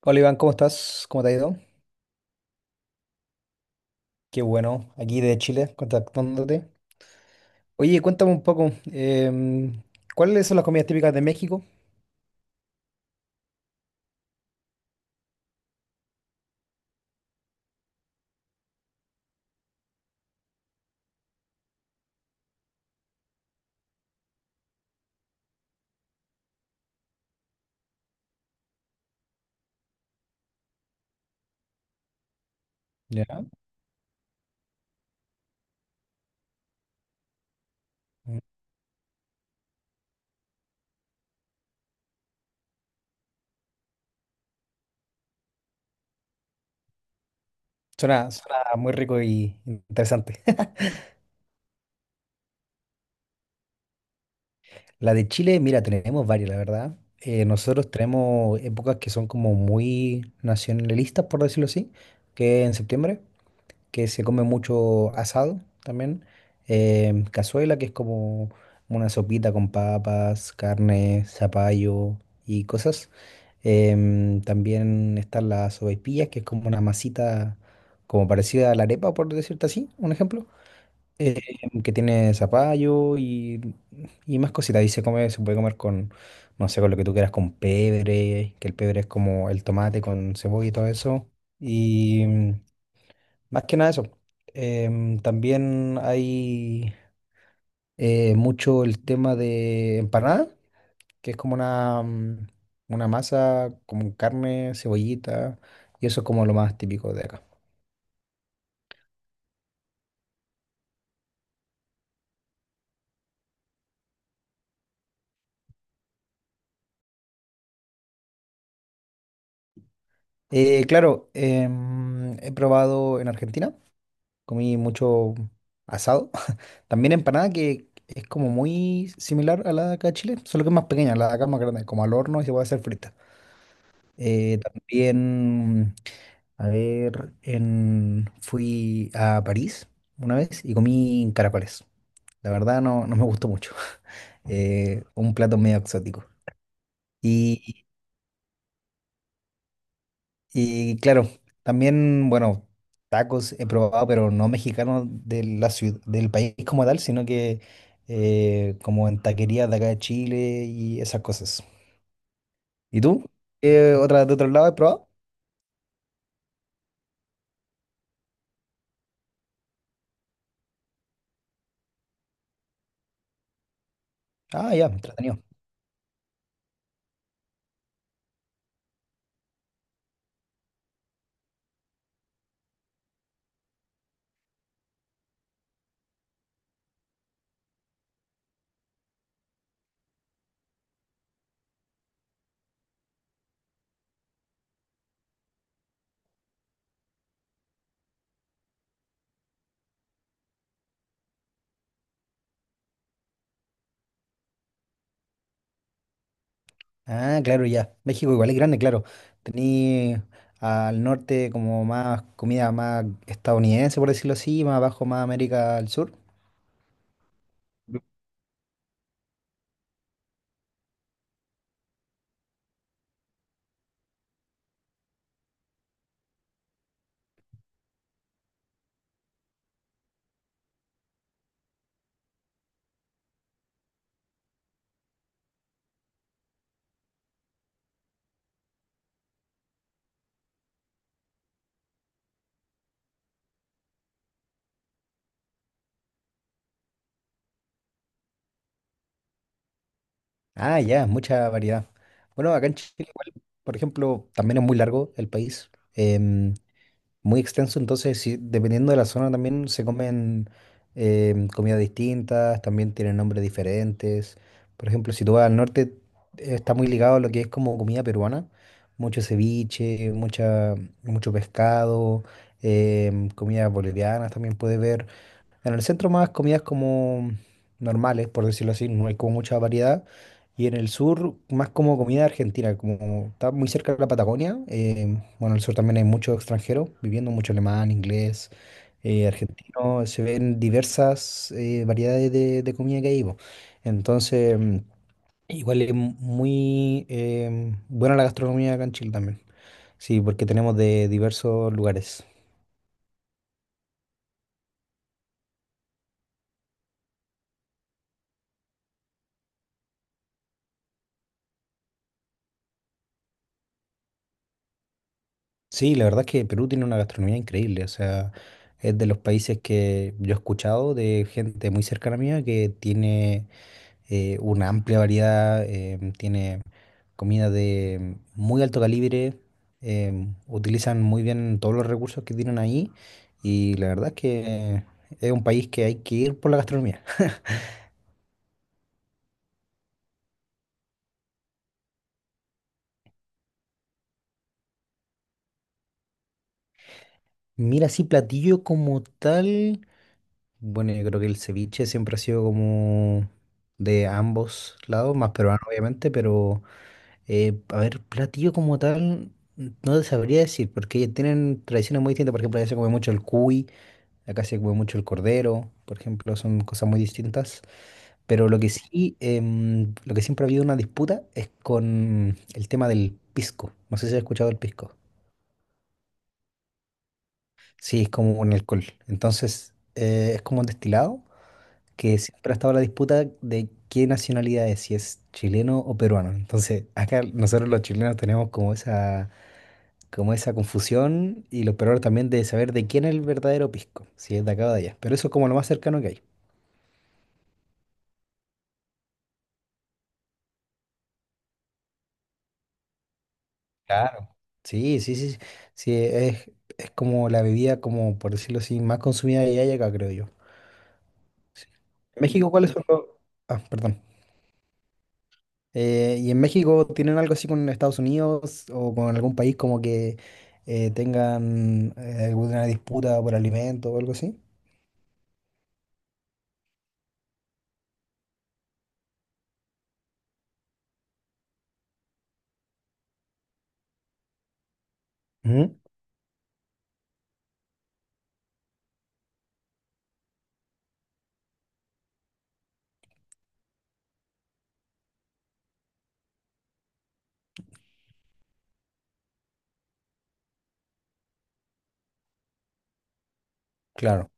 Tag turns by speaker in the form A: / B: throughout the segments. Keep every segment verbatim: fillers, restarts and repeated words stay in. A: Hola Iván, ¿cómo estás? ¿Cómo te ha ido? Qué bueno, aquí de Chile, contactándote. Oye, cuéntame un poco, em, ¿cuáles son las comidas típicas de México? Ya. Mm. Suena, suena muy rico y interesante. La de Chile, mira, tenemos varias, la verdad. Eh, nosotros tenemos épocas que son como muy nacionalistas, por decirlo así, que en septiembre, que se come mucho asado también. Eh, cazuela, que es como una sopita con papas, carne, zapallo y cosas. Em, también están las sopaipillas, que es como una masita como parecida a la arepa, por decirte así, un ejemplo. Em, que tiene zapallo y, y más cositas. Y se come, se puede comer con, no sé, con lo que tú quieras, con pebre, que el pebre es como el tomate con cebolla y todo eso. Y más que nada eso. Em, también hay eh, mucho el tema de empanada, que es como una, mm, una masa con carne, cebollita, y eso es como lo más típico de acá. Eh, claro, em, he probado en Argentina, comí mucho asado. También empanada que es como muy similar a la de acá de Chile, solo que es más pequeña, la de acá es más grande, como al horno y se puede hacer frita. Eh, también A ver, en- fui a París una vez y comí caracoles. La verdad no, no me gustó mucho. Eh, un plato medio exótico. Y, y claro, también, bueno, tacos he probado, pero no mexicanos de la ciudad, del país como tal, sino que eh, como en taquerías de acá de Chile y esas cosas. ¿Y tú? ¿Qué otra, de otro lado he probado? Ah, ya, entretenido. Ah, claro, ya. México igual es grande, claro. Tení al norte como más comida más estadounidense, por decirlo así, más abajo más América del Sur. Ah, ya, mucha variedad. Bueno, acá en Chile igual, por ejemplo, también es muy largo el país. Em, muy extenso, entonces sí, dependiendo de la zona también se comen em, comidas distintas, también tienen nombres diferentes. Por ejemplo, si tú vas al norte, eh, está muy ligado a lo que es como comida peruana, mucho ceviche, mucha, mucho pescado, em, comidas bolivianas también puede ver. En el centro más comidas como normales, por decirlo así, no hay como mucha variedad. Y en el sur más como comida argentina, como está muy cerca de la Patagonia. Eh, bueno, en el sur también hay muchos extranjeros viviendo, mucho alemán, inglés, eh, argentino. Se ven diversas eh, variedades de, de comida que hay. Po. Entonces, mm, igual es muy eh, buena la gastronomía acá en Chile también. Sí, porque tenemos de diversos lugares. Sí, la verdad es que Perú tiene una gastronomía increíble, o sea, es de los países que yo he escuchado de gente muy cercana a mía que tiene eh, una amplia variedad, em, tiene comida de muy alto calibre, em, utilizan muy bien todos los recursos que tienen ahí y la verdad es que es un país que hay que ir por la gastronomía. Mira, sí, platillo como tal, bueno, yo creo que el ceviche siempre ha sido como de ambos lados, más peruano obviamente, pero… Eh, a ver, platillo como tal, no te sabría decir, porque tienen tradiciones muy distintas. Por ejemplo, allá se come mucho el cuy, acá se come mucho el cordero, por ejemplo, son cosas muy distintas. Pero lo que sí, em, lo que siempre ha habido una disputa es con el tema del pisco. No sé si has escuchado el pisco. Sí, es como un alcohol. Entonces, eh, es como un destilado que siempre ha estado la disputa de qué nacionalidad es, si es chileno o peruano. Entonces, acá nosotros los chilenos tenemos como esa como esa confusión y lo peor también de saber de quién es el verdadero pisco, si es de acá o de allá. Pero eso es como lo más cercano que hay. Claro. Sí, sí, sí, sí, es, es como la bebida, como por decirlo así, más consumida de allá y acá, creo yo. Sí. ¿En México cuáles son los…? Ah, perdón. Eh, ¿y en México tienen algo así con Estados Unidos o con algún país como que eh, tengan eh, alguna disputa por alimento o algo así? Ujú. Claro.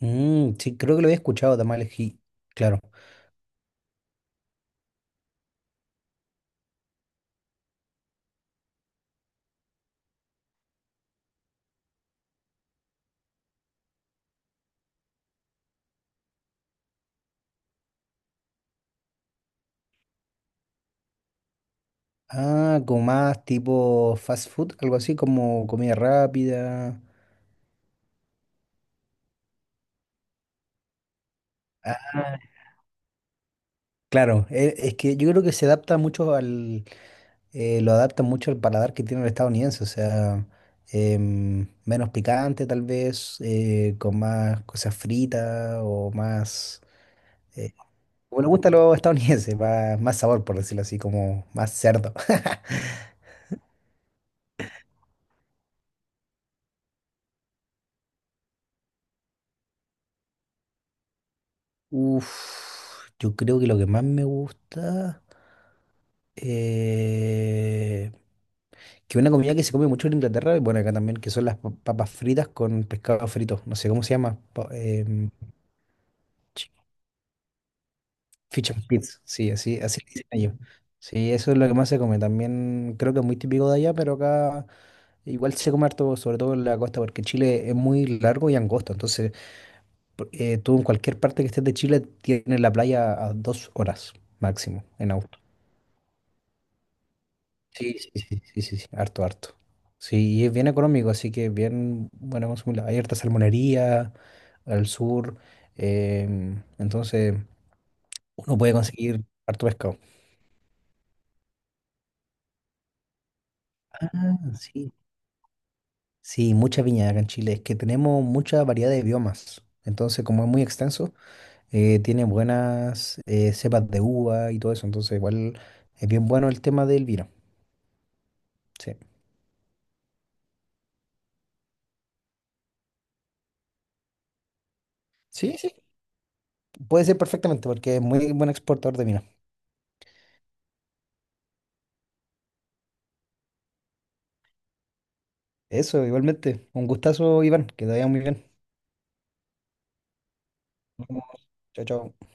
A: Mm, sí, creo que lo había escuchado, tamales, sí, claro. Ah, como más tipo fast food, algo así como comida rápida. Ah, claro, e- es que yo creo que se adapta mucho al, eh, lo adapta mucho al paladar que tiene el estadounidense, o sea, em, menos picante tal vez, eh, con más cosas fritas o más, eh, como le gusta a los estadounidenses, más, más sabor por decirlo así, como más cerdo. Uf, yo creo que lo que más me gusta… eh, que una comida que se come mucho en Inglaterra, y bueno, acá también, que son las pa- papas fritas con pescado frito, no sé cómo se llama, pa- em, Ch- fish and chips, sí, así, así le dicen ellos. Sí, eso es lo que más se come, también creo que es muy típico de allá, pero acá igual se come harto, sobre todo en la costa, porque Chile es muy largo y angosto, entonces por- eh, tú en cualquier parte que estés de Chile tienes la playa a dos horas máximo en auto. Sí, sí, sí, sí, sí, sí, harto, harto. Sí, y es bien económico, así que bien bueno consumirla. Hay harta salmonería al sur, em, entonces uno puede conseguir harto pescado. Ah, sí. Sí, mucha viña acá en Chile. Es que tenemos mucha variedad de biomas. Entonces, como es muy extenso, eh, tiene buenas eh, cepas de uva y todo eso. Entonces, igual es bien bueno el tema del vino. Sí. Sí, sí. Puede ser perfectamente porque es muy buen exportador de vino. Eso, igualmente. Un gustazo, Iván. Que te vaya muy bien. Nos vemos. Chao, chao.